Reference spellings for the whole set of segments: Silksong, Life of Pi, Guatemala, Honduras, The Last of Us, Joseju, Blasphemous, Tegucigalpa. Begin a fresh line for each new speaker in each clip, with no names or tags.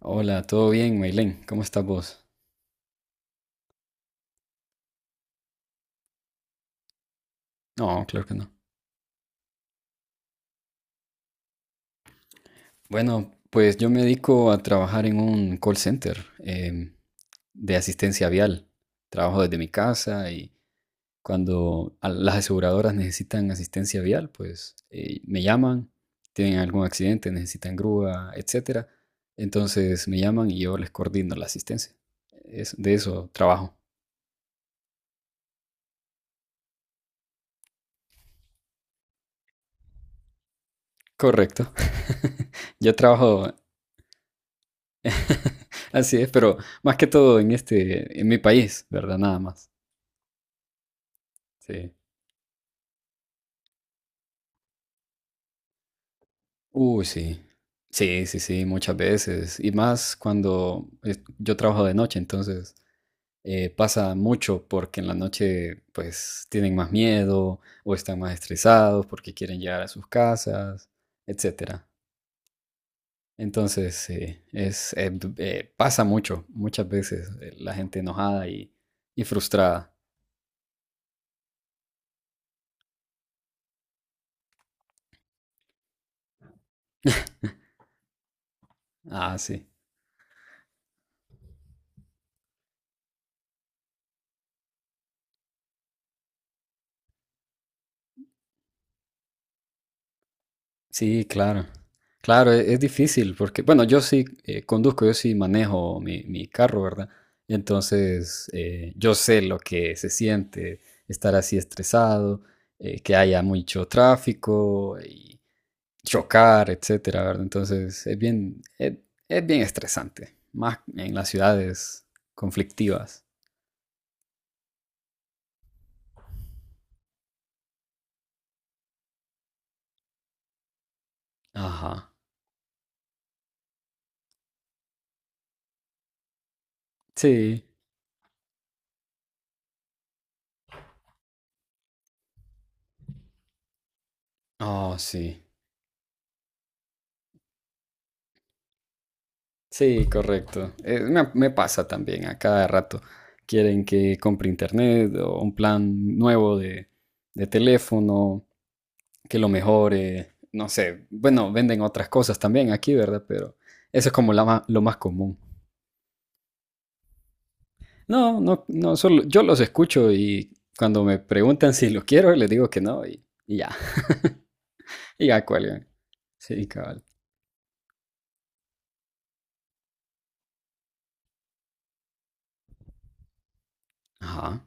Hola, ¿todo bien, Maylen? ¿Cómo estás vos? No, claro que no. Bueno, pues yo me dedico a trabajar en un call center de asistencia vial. Trabajo desde mi casa y cuando las aseguradoras necesitan asistencia vial, pues me llaman, tienen algún accidente, necesitan grúa, etcétera. Entonces me llaman y yo les coordino la asistencia. De eso trabajo. Correcto. Yo trabajo. Así es, pero más que todo en mi país, ¿verdad? Nada más. Sí. Uy, sí. Sí, sí, sí, muchas veces. Y más yo trabajo de noche, entonces pasa mucho porque en la noche pues tienen más miedo o están más estresados porque quieren llegar a sus casas, etcétera. Entonces, sí, pasa mucho, muchas veces la gente enojada y frustrada. Ah, sí. Sí, claro. Claro, es difícil porque, bueno, yo sí conduzco, yo sí manejo mi carro, ¿verdad? Entonces yo sé lo que se siente estar así estresado, que haya mucho tráfico y chocar, etcétera, ¿verdad? Entonces, es bien estresante, más en las ciudades conflictivas. Ajá. Sí. Oh, sí. Sí, correcto. Me pasa también a cada rato. Quieren que compre internet o un plan nuevo de teléfono, que lo mejore. No sé, bueno, venden otras cosas también aquí, ¿verdad? Pero eso es como lo más común. No, no, no, solo yo los escucho y cuando me preguntan si lo quiero, les digo que no y ya, y ya cuelgan. Sí, cabal. Ajá.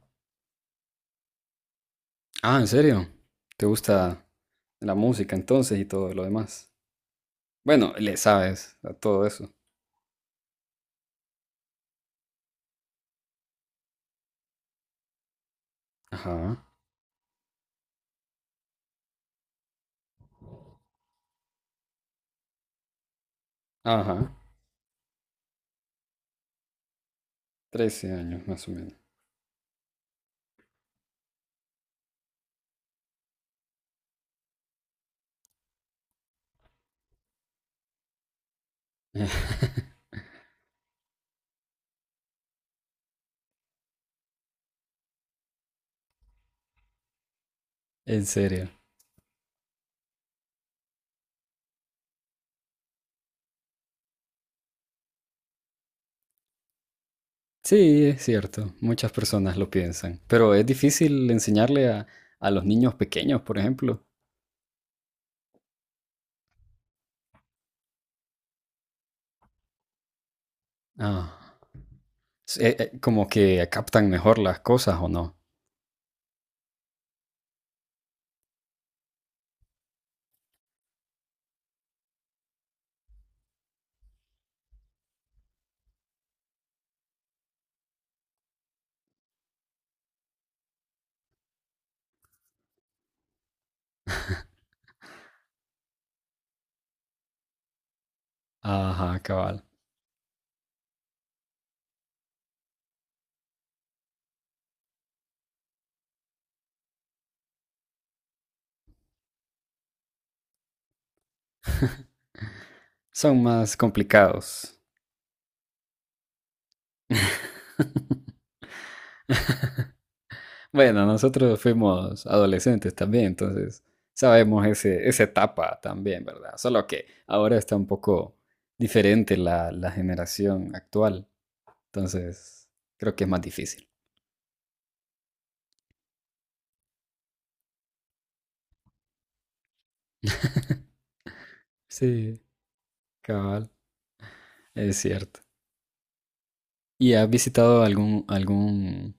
Ah, ¿en serio? ¿Te gusta la música entonces y todo lo demás? Bueno, le sabes a todo eso. Ajá, ajá. 13 años más o menos. En serio. Sí, es cierto. Muchas personas lo piensan. Pero es difícil enseñarle a los niños pequeños, por ejemplo. Ah, como que captan mejor las cosas o no. Ajá, cabal. Son más complicados. Bueno, nosotros fuimos adolescentes también, entonces sabemos esa etapa también, ¿verdad? Solo que ahora está un poco diferente la generación actual, entonces creo que es más difícil. Sí, cabal, es cierto. ¿Y has visitado algún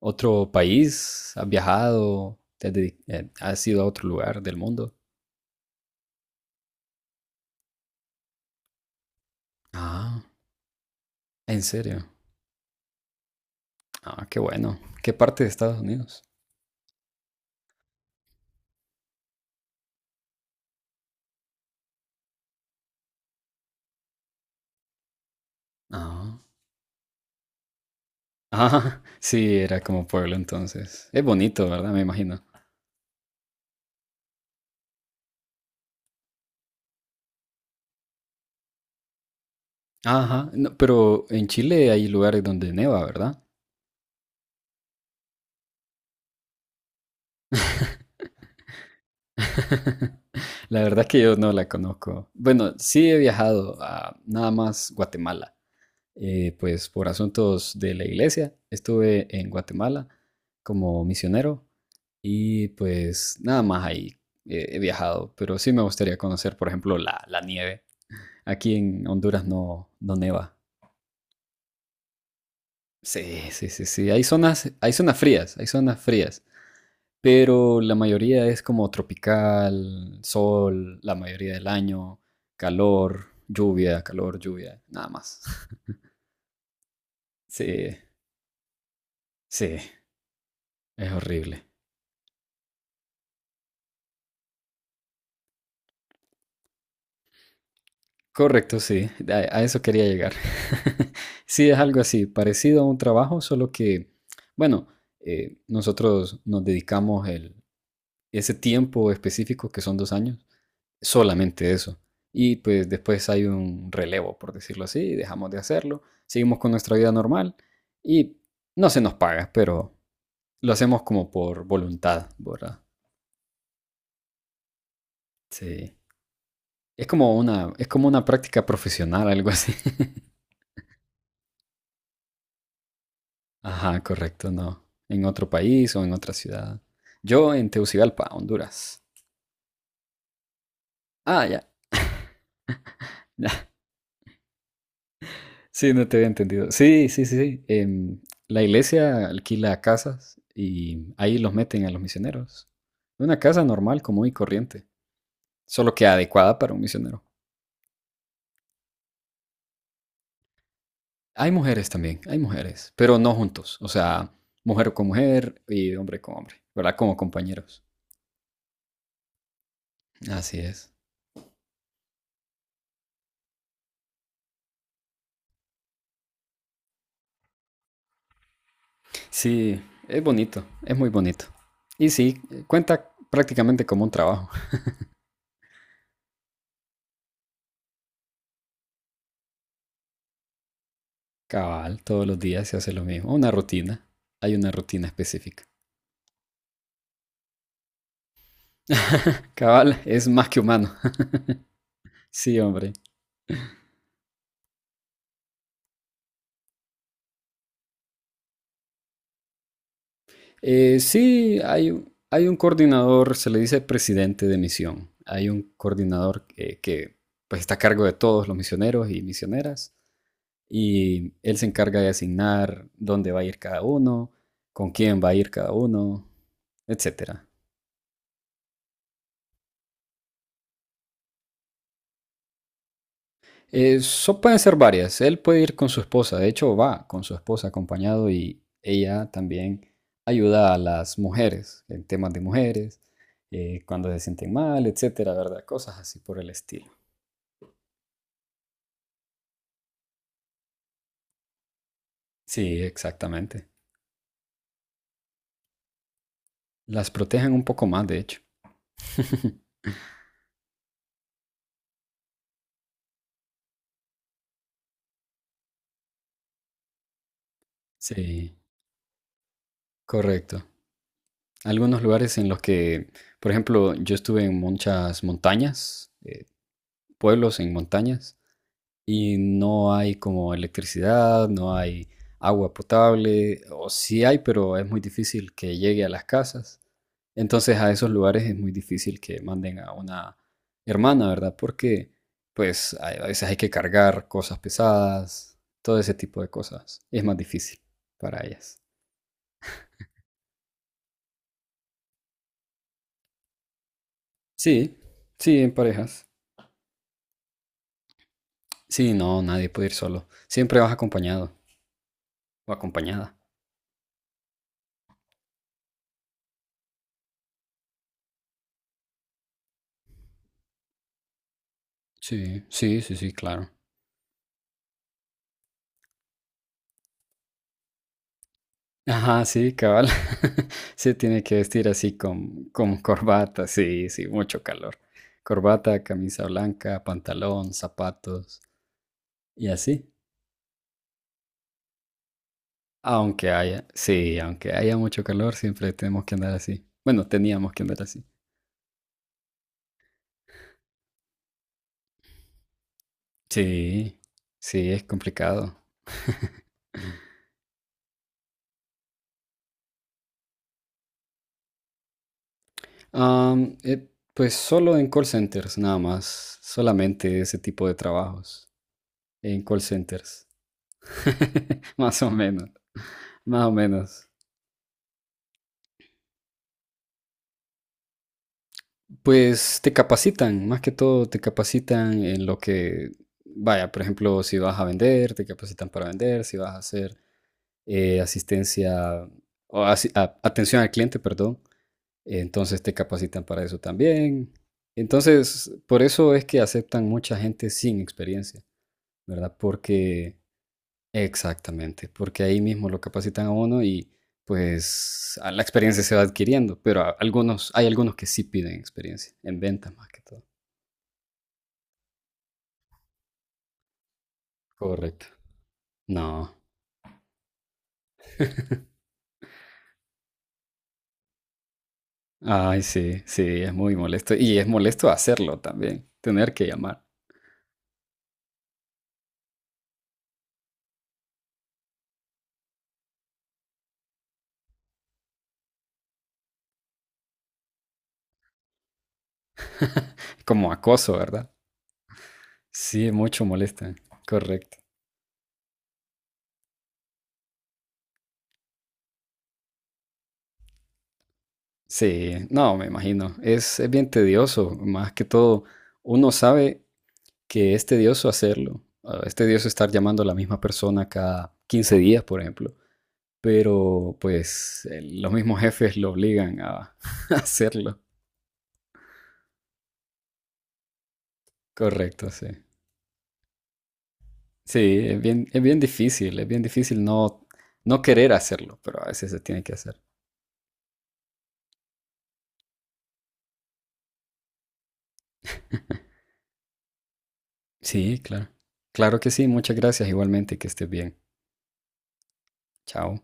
otro país? ¿Has viajado? ¿ Has ido a otro lugar del mundo? Ah, ¿en serio? Ah, qué bueno. ¿Qué parte de Estados Unidos? Ah. Ajá, sí, era como pueblo entonces. Es bonito, ¿verdad? Me imagino. Ajá, no, pero en Chile hay lugares donde neva, ¿verdad? La verdad es que yo no la conozco. Bueno, sí he viajado a nada más Guatemala. Pues por asuntos de la iglesia, estuve en Guatemala como misionero y pues nada más ahí he viajado. Pero sí me gustaría conocer, por ejemplo, la nieve. Aquí en Honduras no, no neva. Sí, sí, sí, sí. Hay zonas frías, pero la mayoría es como tropical, sol, la mayoría del año, calor, lluvia, nada más. Sí, sí, es horrible. Correcto, sí, a eso quería llegar. Sí, es algo así, parecido a un trabajo, solo que, bueno, nosotros nos dedicamos ese tiempo específico, que son 2 años, solamente eso. Y pues después hay un relevo, por decirlo así, dejamos de hacerlo, seguimos con nuestra vida normal y no se nos paga, pero lo hacemos como por voluntad, ¿verdad? Sí. Es como una práctica profesional, algo así. Ajá, correcto, no. En otro país o en otra ciudad. Yo en Tegucigalpa, Honduras. Ah, ya. Sí, no te había entendido. Sí, sí, sí. La iglesia alquila casas y ahí los meten a los misioneros. Una casa normal, común y corriente, solo que adecuada para un misionero. Hay mujeres también, hay mujeres, pero no juntos. O sea, mujer con mujer y hombre con hombre, ¿verdad? Como compañeros. Así es. Sí, es bonito, es muy bonito. Y sí, cuenta prácticamente como un trabajo. Cabal, todos los días se hace lo mismo, una rutina. Hay una rutina específica. Cabal, es más que humano. Sí, hombre. Sí, hay un coordinador, se le dice presidente de misión. Hay un coordinador que pues, está a cargo de todos los misioneros y misioneras y él se encarga de asignar dónde va a ir cada uno, con quién va a ir cada uno, etcétera. Eso pueden ser varias. Él puede ir con su esposa. De hecho, va con su esposa acompañado y ella también ayuda a las mujeres en temas de mujeres, cuando se sienten mal, etcétera, ¿verdad? Cosas así por el estilo. Sí, exactamente. Las protegen un poco más, de hecho. Sí, correcto. Algunos lugares en los que, por ejemplo, yo estuve en muchas montañas, pueblos en montañas, y no hay como electricidad, no hay agua potable, o sí hay, pero es muy difícil que llegue a las casas. Entonces a esos lugares es muy difícil que manden a una hermana, ¿verdad? Porque pues a veces hay que cargar cosas pesadas, todo ese tipo de cosas. Es más difícil para ellas. Sí, sí, en parejas. Sí, no, nadie puede ir solo. Siempre vas acompañado o acompañada. Sí, sí, sí, sí, claro. Ajá, sí, cabal. Sí, tiene que vestir así con corbata, sí, sí, mucho calor. Corbata, camisa blanca, pantalón, zapatos y así. Aunque haya mucho calor, siempre tenemos que andar así. Bueno, teníamos que andar así. Sí, sí, es complicado. Am, eh, pues solo en call centers, nada más. Solamente ese tipo de trabajos. En call centers. Más o menos, más o menos. Pues te capacitan, más que todo te capacitan vaya, por ejemplo, si vas a vender, te capacitan para vender, si vas a hacer asistencia o atención al cliente, perdón, entonces te capacitan para eso también. Entonces, por eso es que aceptan mucha gente sin experiencia, ¿verdad? Porque, exactamente, porque ahí mismo lo capacitan a uno y pues a la experiencia se va adquiriendo, pero algunos, hay algunos que sí piden experiencia, en ventas más que todo. Correcto. No. Ay, sí, sí, es muy molesto. Y es molesto hacerlo también, tener que llamar. Como acoso, ¿verdad? Sí, mucho molesta. Correcto. Sí, no, me imagino. Es bien tedioso. Más que todo, uno sabe que es tedioso hacerlo. Ah, es tedioso estar llamando a la misma persona cada 15 días, por ejemplo. Pero pues los mismos jefes lo obligan a hacerlo. Correcto, sí. Sí, es bien difícil, no querer hacerlo, pero a veces se tiene que hacer. Sí, claro. Claro que sí, muchas gracias igualmente, que estés bien. Chao.